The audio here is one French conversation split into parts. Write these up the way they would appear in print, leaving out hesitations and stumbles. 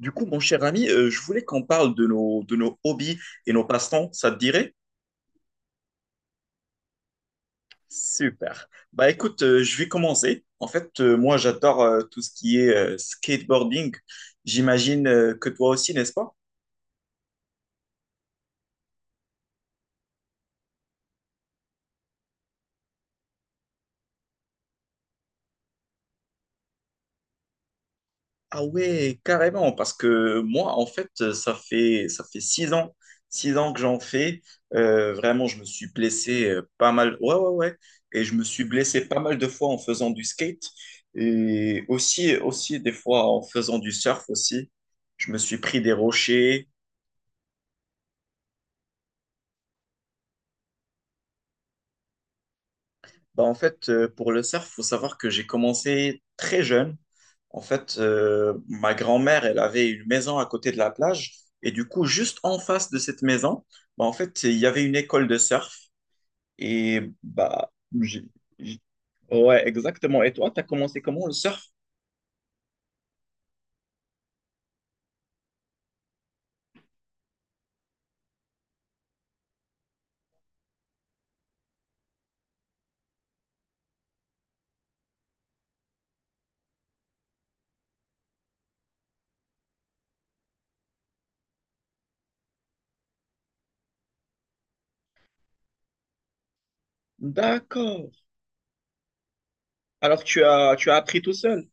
Du coup, mon cher ami, je voulais qu'on parle de nos hobbies et nos passe-temps, ça te dirait? Super. Bah écoute, je vais commencer. En fait, moi, j'adore tout ce qui est skateboarding. J'imagine que toi aussi, n'est-ce pas? Ah ouais, carrément, parce que moi, en fait, ça fait six ans que j'en fais. Vraiment, je me suis blessé pas mal. Ouais, ouais, ouais. Et je me suis blessé pas mal de fois en faisant du skate et aussi des fois en faisant du surf aussi. Je me suis pris des rochers. Bah, en fait, pour le surf, faut savoir que j'ai commencé très jeune. En fait, ma grand-mère, elle avait une maison à côté de la plage. Et du coup, juste en face de cette maison, bah, en fait, il y avait une école de surf. Et bah, j'ai- j'ai- ouais, exactement. Et toi, tu as commencé comment le surf? D'accord. Alors, tu as appris tout seul.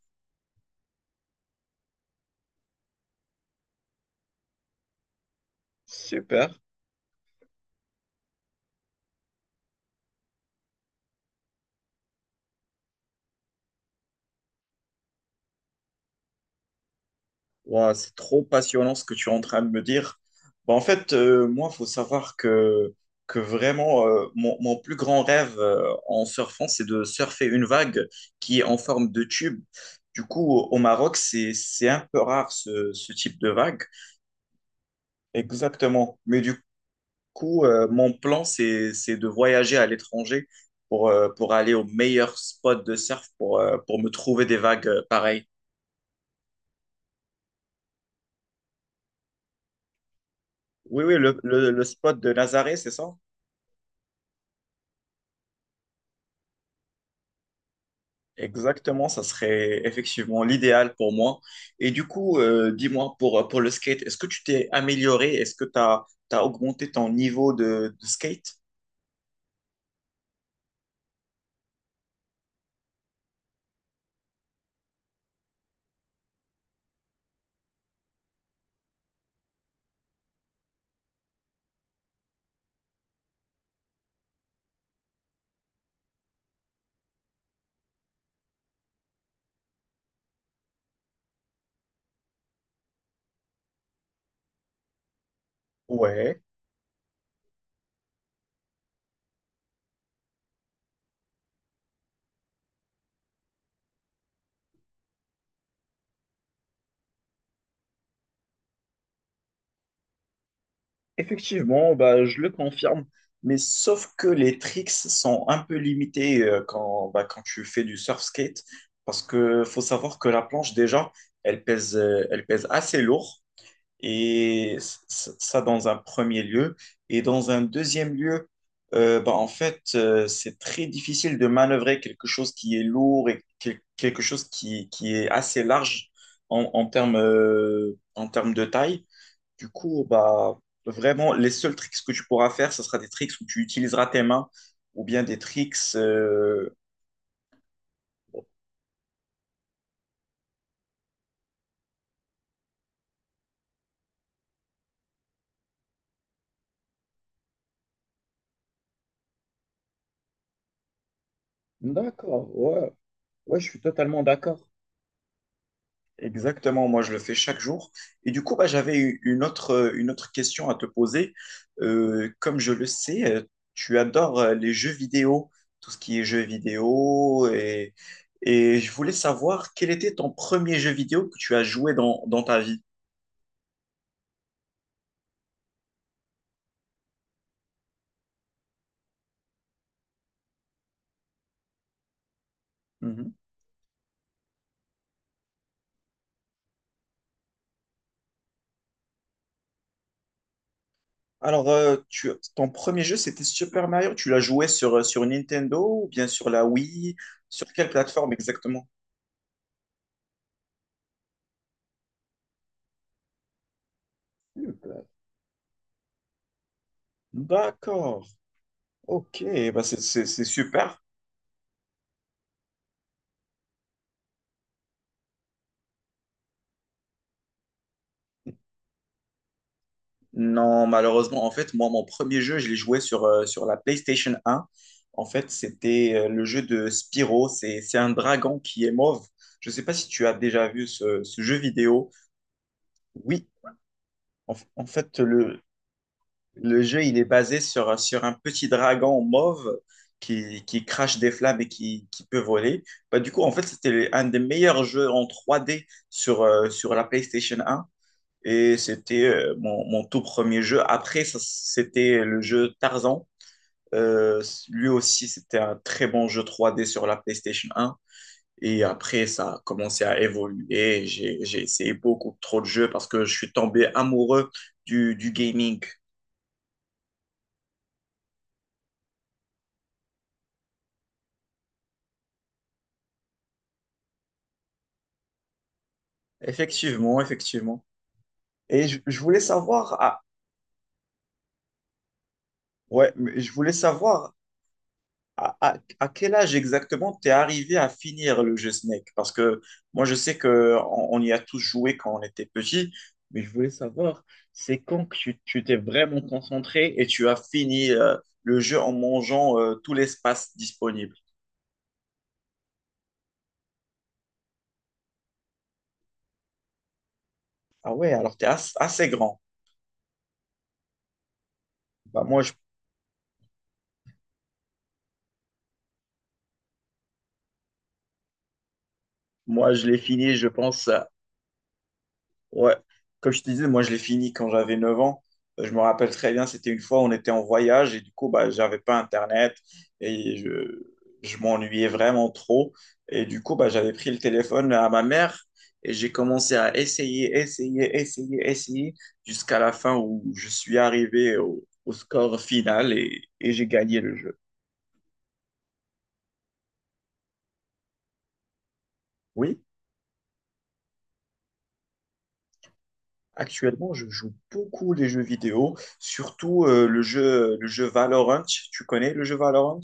Super. Ouah, c'est trop passionnant ce que tu es en train de me dire. Bah, en fait, moi, il faut savoir que vraiment, mon plus grand rêve en surfant, c'est de surfer une vague qui est en forme de tube. Du coup, au Maroc, c'est un peu rare ce type de vague. Exactement. Mais du coup, mon plan, c'est de voyager à l'étranger pour aller au meilleur spot de surf pour me trouver des vagues pareilles. Oui, oui, le spot de Nazaré, c'est ça? Exactement, ça serait effectivement l'idéal pour moi. Et du coup, dis-moi, pour le skate, est-ce que tu t'es amélioré? Est-ce que tu as, augmenté ton niveau de skate? Ouais, effectivement, bah, je le confirme. Mais sauf que les tricks sont un peu limités bah, quand tu fais du surf skate, parce que faut savoir que la planche, déjà, elle pèse assez lourd. Et ça, dans un premier lieu. Et dans un deuxième lieu, bah, en fait, c'est très difficile de manœuvrer quelque chose qui est lourd et quelque chose qui est assez large en termes de taille. Du coup, bah, vraiment, les seuls tricks que tu pourras faire, ce sera des tricks où tu utiliseras tes mains ou bien des tricks. D'accord, ouais, ouais, je suis totalement d'accord. Exactement, moi je le fais chaque jour. Et du coup, bah, j'avais eu une autre question à te poser. Comme je le sais, tu adores les jeux vidéo, tout ce qui est jeux vidéo. Et je voulais savoir quel était ton premier jeu vidéo que tu as joué dans ta vie. Mhm. Alors, ton premier jeu, c'était Super Mario. Tu l'as joué sur Nintendo ou bien sur la Wii? Sur quelle plateforme exactement? Super. D'accord, ok, bah c'est super. Non, malheureusement, en fait, moi, mon premier jeu, je l'ai joué sur la PlayStation 1. En fait, c'était le jeu de Spyro. C'est un dragon qui est mauve. Je ne sais pas si tu as déjà vu ce jeu vidéo. Oui, en fait, le jeu, il est basé sur un petit dragon mauve qui crache des flammes et qui peut voler. Bah, du coup, en fait, c'était un des meilleurs jeux en 3D sur la PlayStation 1. Et c'était mon tout premier jeu. Après, ça, c'était le jeu Tarzan. Euh, lui aussi, c'était un très bon jeu 3D sur la PlayStation 1. Et après, ça a commencé à évoluer. J'ai essayé beaucoup trop de jeux parce que je suis tombé amoureux du gaming. Effectivement, effectivement. Et je voulais savoir, ah, ouais, mais je voulais savoir à quel âge exactement t'es arrivé à finir le jeu Snake? Parce que moi, je sais que on y a tous joué quand on était petit, mais je voulais savoir, c'est quand que tu t'es vraiment concentré et tu as fini le jeu en mangeant tout l'espace disponible? Ah ouais, alors t'es assez grand. Bah moi, moi, je l'ai fini, je pense. Ouais, comme je te disais, moi je l'ai fini quand j'avais 9 ans. Je me rappelle très bien, c'était une fois, on était en voyage et du coup, bah, j'avais pas Internet et je m'ennuyais vraiment trop. Et du coup, bah, j'avais pris le téléphone à ma mère et j'ai commencé à essayer, essayer, essayer, essayer jusqu'à la fin où je suis arrivé au score final et j'ai gagné le jeu. Oui, actuellement, je joue beaucoup les jeux vidéo, surtout le jeu Valorant. Tu connais le jeu Valorant?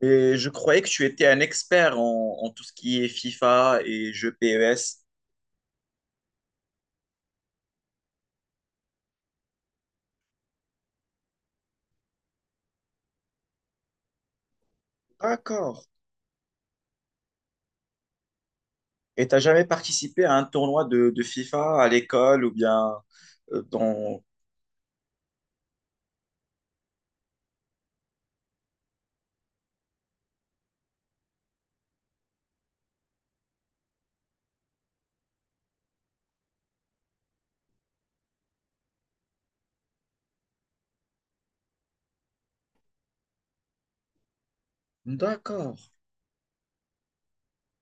Et je croyais que tu étais un expert en tout ce qui est FIFA et jeux PES. D'accord. Et t'as jamais participé à un tournoi de FIFA à l'école ou bien euh, dans... D'accord.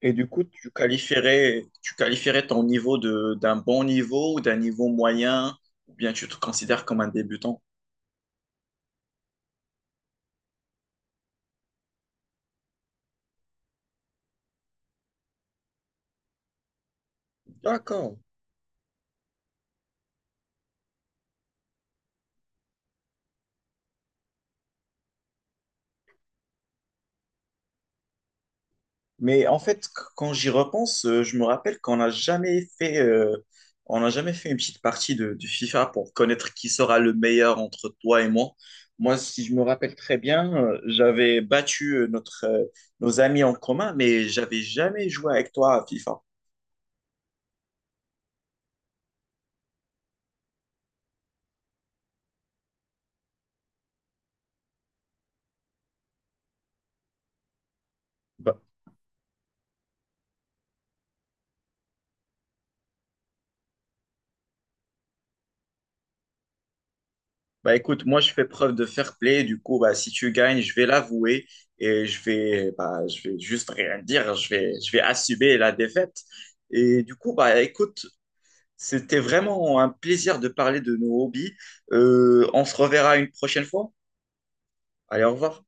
Et du coup, tu qualifierais ton niveau d'un bon niveau ou d'un niveau moyen, ou bien tu te considères comme un débutant. D'accord. Mais en fait, quand j'y repense, je me rappelle qu'on n'a jamais fait une petite partie de FIFA pour connaître qui sera le meilleur entre toi et moi. Moi, si je me rappelle très bien, j'avais battu nos amis en commun, mais j'avais jamais joué avec toi à FIFA. Bah, bah, écoute, moi, je fais preuve de fair play. Du coup, bah, si tu gagnes, je vais l'avouer et je vais juste rien dire. Je vais assumer la défaite. Et du coup, bah, écoute. C'était vraiment un plaisir de parler de nos hobbies. On se reverra une prochaine fois. Allez, au revoir.